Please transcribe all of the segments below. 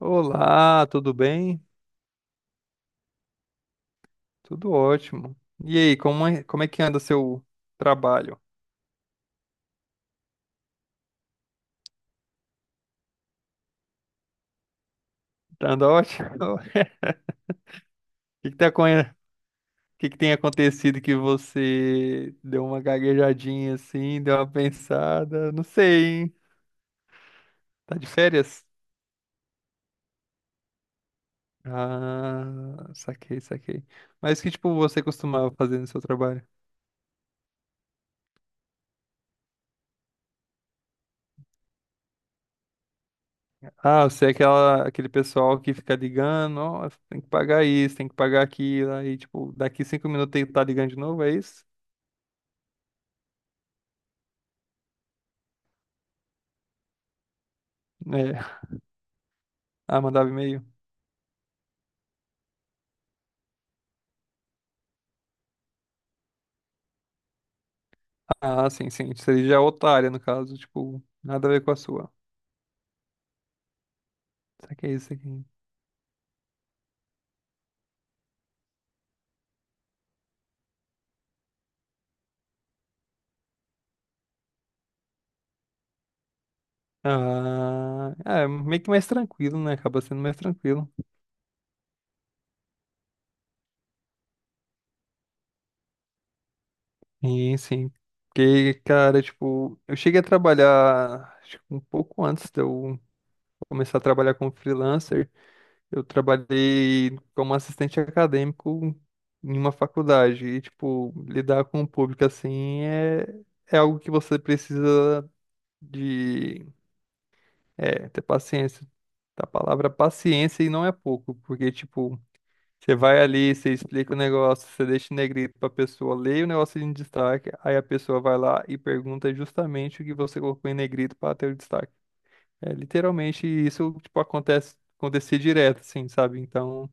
Olá, tudo bem? Tudo ótimo. E aí, como é que anda seu trabalho? Tá anda ótimo? O que que tem acontecido que você deu uma gaguejadinha assim, deu uma pensada? Não sei, hein? Tá de férias? Ah, saquei, saquei. Mas que tipo você costumava fazer no seu trabalho? Ah, você é aquele pessoal que fica ligando, ó, tem que pagar isso, tem que pagar aquilo, aí tipo, daqui 5 minutos tem que tá ligando de novo, é isso? É. Ah, mandava e-mail? Ah, sim, sim. Seria já outra área, no caso. Tipo, nada a ver com a sua. Será que é isso aqui? Ah, é meio que mais tranquilo, né? Acaba sendo mais tranquilo. Sim, sim. Porque, cara, tipo, eu cheguei a trabalhar, acho que um pouco antes de eu começar a trabalhar como freelancer, eu trabalhei como assistente acadêmico em uma faculdade. E, tipo, lidar com o público assim é algo que você precisa de, é, ter paciência. A palavra paciência e não é pouco, porque, tipo, você vai ali, você explica o negócio, você deixa em negrito pra pessoa ler o negócio em destaque, aí a pessoa vai lá e pergunta justamente o que você colocou em negrito pra ter o destaque. É, literalmente, isso, tipo, acontecer direto, assim, sabe? Então,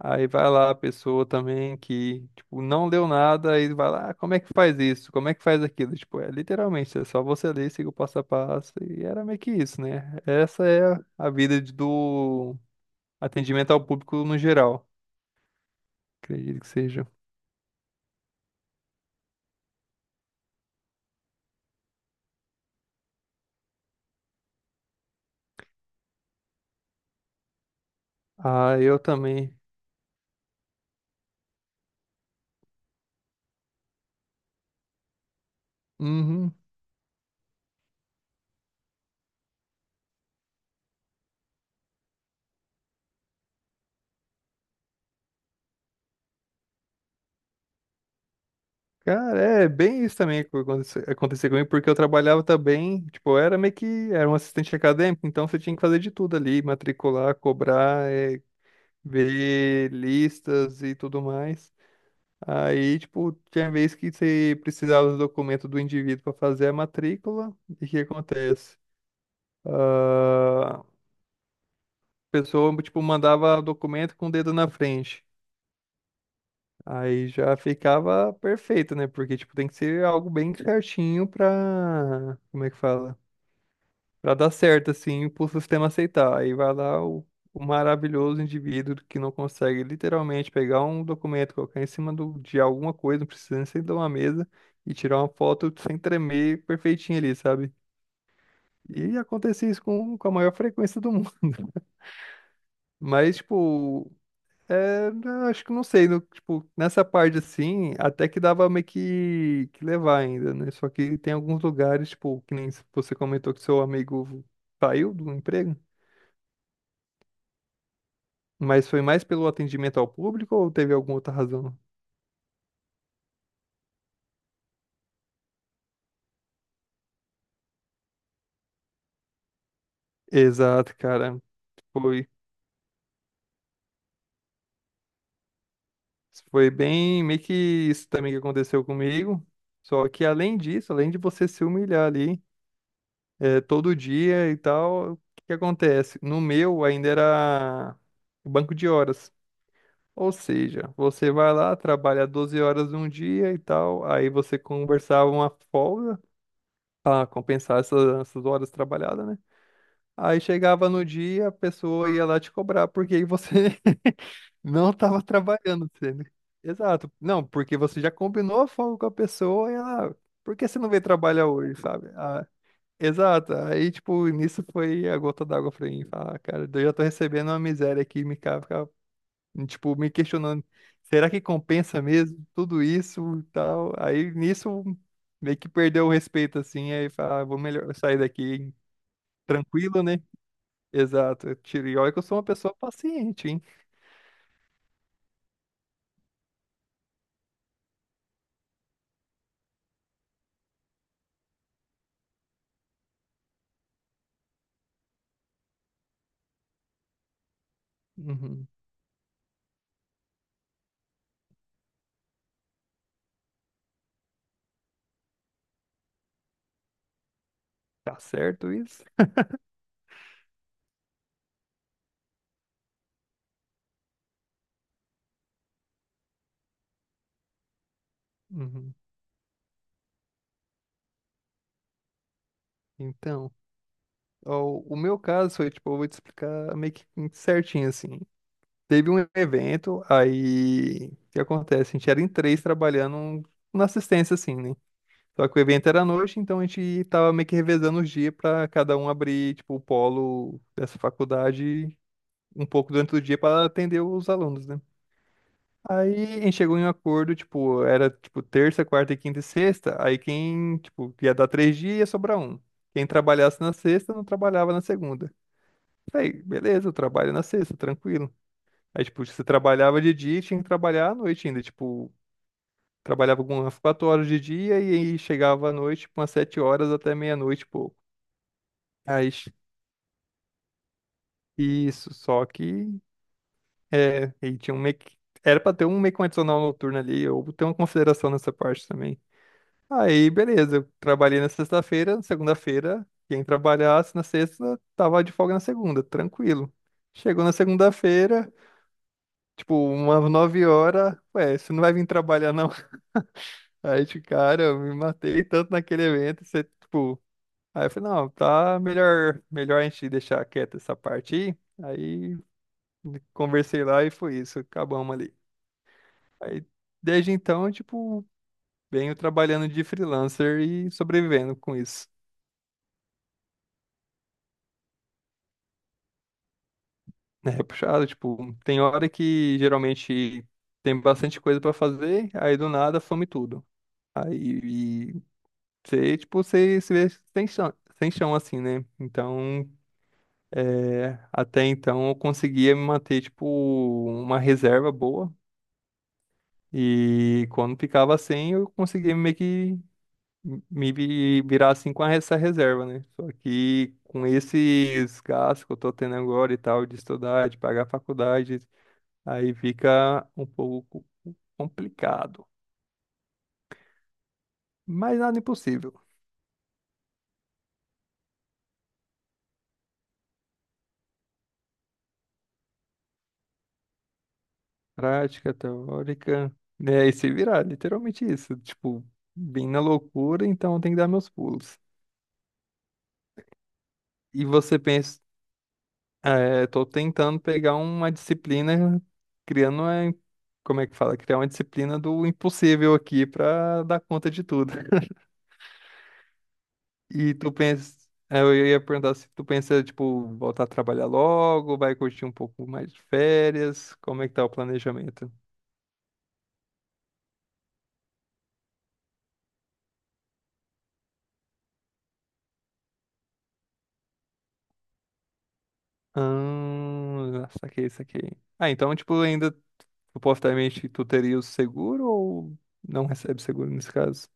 aí vai lá a pessoa também que, tipo, não leu nada, aí vai lá, "Ah, como é que faz isso? Como é que faz aquilo? Tipo, é literalmente, é só você ler, seguir o passo a passo, e era meio que isso, né? Essa é a vida do atendimento ao público no geral, acredito que seja. Ah, eu também. Uhum. Cara, é bem isso também que aconteceu comigo, porque eu trabalhava também, tipo, eu era meio que, era um assistente acadêmico, então você tinha que fazer de tudo ali, matricular, cobrar, ver listas e tudo mais. Aí, tipo, tinha vez que você precisava do documento do indivíduo para fazer a matrícula, e o que acontece? Ah, a pessoa, tipo, mandava o documento com o dedo na frente. Aí já ficava perfeito, né? Porque, tipo, tem que ser algo bem certinho pra... Como é que fala? Pra dar certo, assim, pro sistema aceitar. Aí vai lá o maravilhoso indivíduo que não consegue literalmente pegar um documento, colocar em cima de alguma coisa, não precisa nem ser de uma mesa, e tirar uma foto sem tremer perfeitinha ali, sabe? E acontece isso com a maior frequência do mundo. Mas, tipo, é, eu acho que não sei, tipo, nessa parte assim, até que dava meio que levar ainda, né? Só que tem alguns lugares, tipo, que nem você comentou que seu amigo saiu do emprego. Mas foi mais pelo atendimento ao público ou teve alguma outra razão? Exato, cara. Foi. Foi bem, meio que isso também que aconteceu comigo. Só que além disso, além de você se humilhar ali, todo dia e tal, o que que acontece? No meu ainda era banco de horas. Ou seja, você vai lá, trabalha 12 horas um dia e tal, aí você conversava uma folga para compensar essas horas trabalhadas, né? Aí chegava no dia, a pessoa ia lá te cobrar, porque aí você não estava trabalhando, entendeu? Exato. Não, porque você já combinou a folga com a pessoa e ela, por que você não veio trabalhar hoje, sabe? Ah, exato. Aí, tipo, nisso foi a gota d'água pra mim. Falar, "Ah, cara, eu já tô recebendo uma miséria aqui, fica, tipo, me questionando, será que compensa mesmo tudo isso e tal? Aí, nisso, meio que perdeu o respeito, assim, aí fala, "Ah, vou melhor sair daqui tranquilo, né? Exato. E olha que eu sou uma pessoa paciente, hein? Uhum. Tá certo isso? Uhum. Então, ó, o meu caso foi, tipo, eu vou te explicar meio que certinho, assim. Teve um evento, aí, o que acontece? A gente era em três trabalhando na assistência, assim, né? Só que o evento era à noite, então a gente tava meio que revezando os dias pra cada um abrir, tipo, o polo dessa faculdade um pouco durante o dia pra atender os alunos, né? Aí a gente chegou em um acordo, tipo, era tipo terça, quarta e quinta e sexta, aí quem, tipo, ia dar 3 dias ia sobrar um. Quem trabalhasse na sexta não trabalhava na segunda. Falei, beleza, eu trabalho na sexta, tranquilo. Aí, tipo, você trabalhava de dia e tinha que trabalhar à noite ainda, tipo, trabalhava algumas 4 horas de dia e aí chegava à noite, tipo, umas 7 horas até meia-noite, e pouco. Aí, isso, só que, é, aí tinha um meio que, era pra ter um meio que um adicional noturno ali, ou ter uma consideração nessa parte também. Aí, beleza. Eu trabalhei na sexta-feira, na segunda-feira, quem trabalhasse na sexta tava de folga na segunda, tranquilo. Chegou na segunda-feira, tipo, umas 9 horas, ué, você não vai vir trabalhar não? Aí, tipo, cara, eu me matei tanto naquele evento, você, tipo, aí eu falei, não, tá melhor a gente deixar quieta essa parte aí. Aí conversei lá e foi isso, acabamos ali. Aí, desde então, tipo, venho trabalhando de freelancer e sobrevivendo com isso. É puxado, tipo, tem hora que geralmente tem bastante coisa pra fazer, aí do nada some tudo. Aí e você, tipo, você se vê sem chão, sem chão assim, né? Então, é, até então eu conseguia me manter, tipo, uma reserva boa. E quando ficava sem, eu conseguia meio que me virar assim com essa reserva, né? Só que com esses gastos que eu tô tendo agora e tal, de estudar, de pagar faculdade. Aí fica um pouco complicado, mas nada impossível. Prática, teórica, né? E se virar, literalmente isso. Tipo, bem na loucura, então tem que dar meus pulos. E você pensa, é, tô tentando pegar uma disciplina, criando, uma, como é que fala? Criar uma disciplina do impossível aqui pra dar conta de tudo. E tu pensa, é, eu ia perguntar se tu pensa, tipo, voltar a trabalhar logo, vai curtir um pouco mais de férias, como é que tá o planejamento? Ah, saquei, saquei. Ah, então, tipo, ainda, supostamente, tu teria o seguro ou não recebe seguro nesse caso?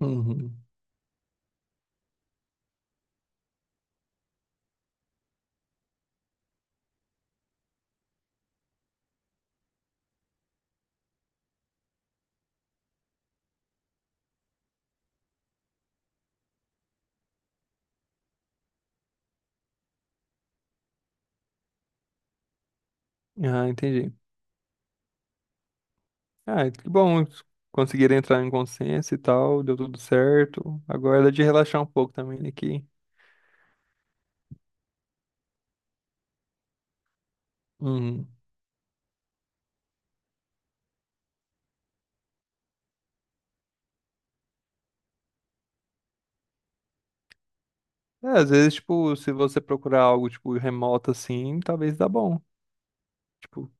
Uhum. Ah, entendi. Ah, que bom, conseguiram entrar em consenso e tal, deu tudo certo. Agora é de relaxar um pouco também aqui. Uhum. É, às vezes, tipo, se você procurar algo, tipo, remoto assim, talvez dá bom. Tipo,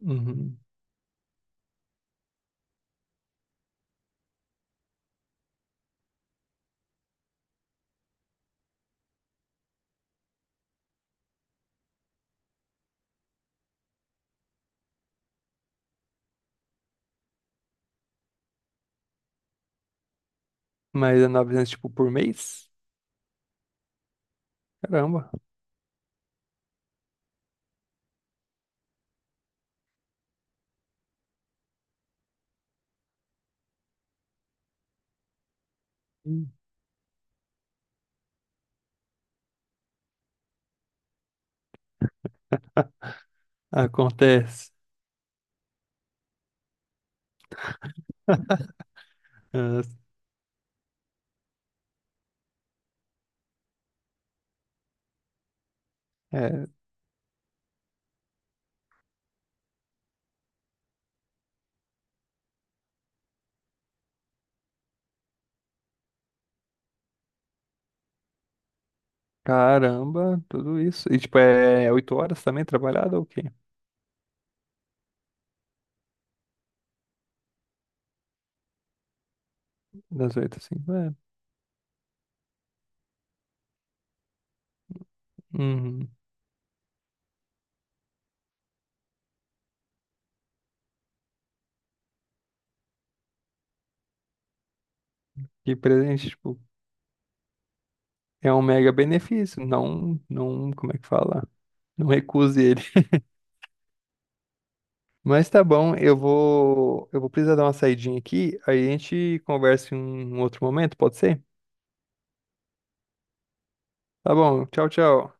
uhum. Mas é 900, tipo, por mês? Caramba. Hum. Acontece. Ah, é, caramba, tudo isso. E, tipo, é 8 horas também trabalhada ou o quê? Das oito, assim. É. Uhum. E presente, tipo, é um mega benefício. Não, não, como é que fala? Não recuse ele. Mas tá bom, eu vou precisar dar uma saidinha aqui. Aí a gente conversa em um outro momento, pode ser? Tá bom, tchau, tchau.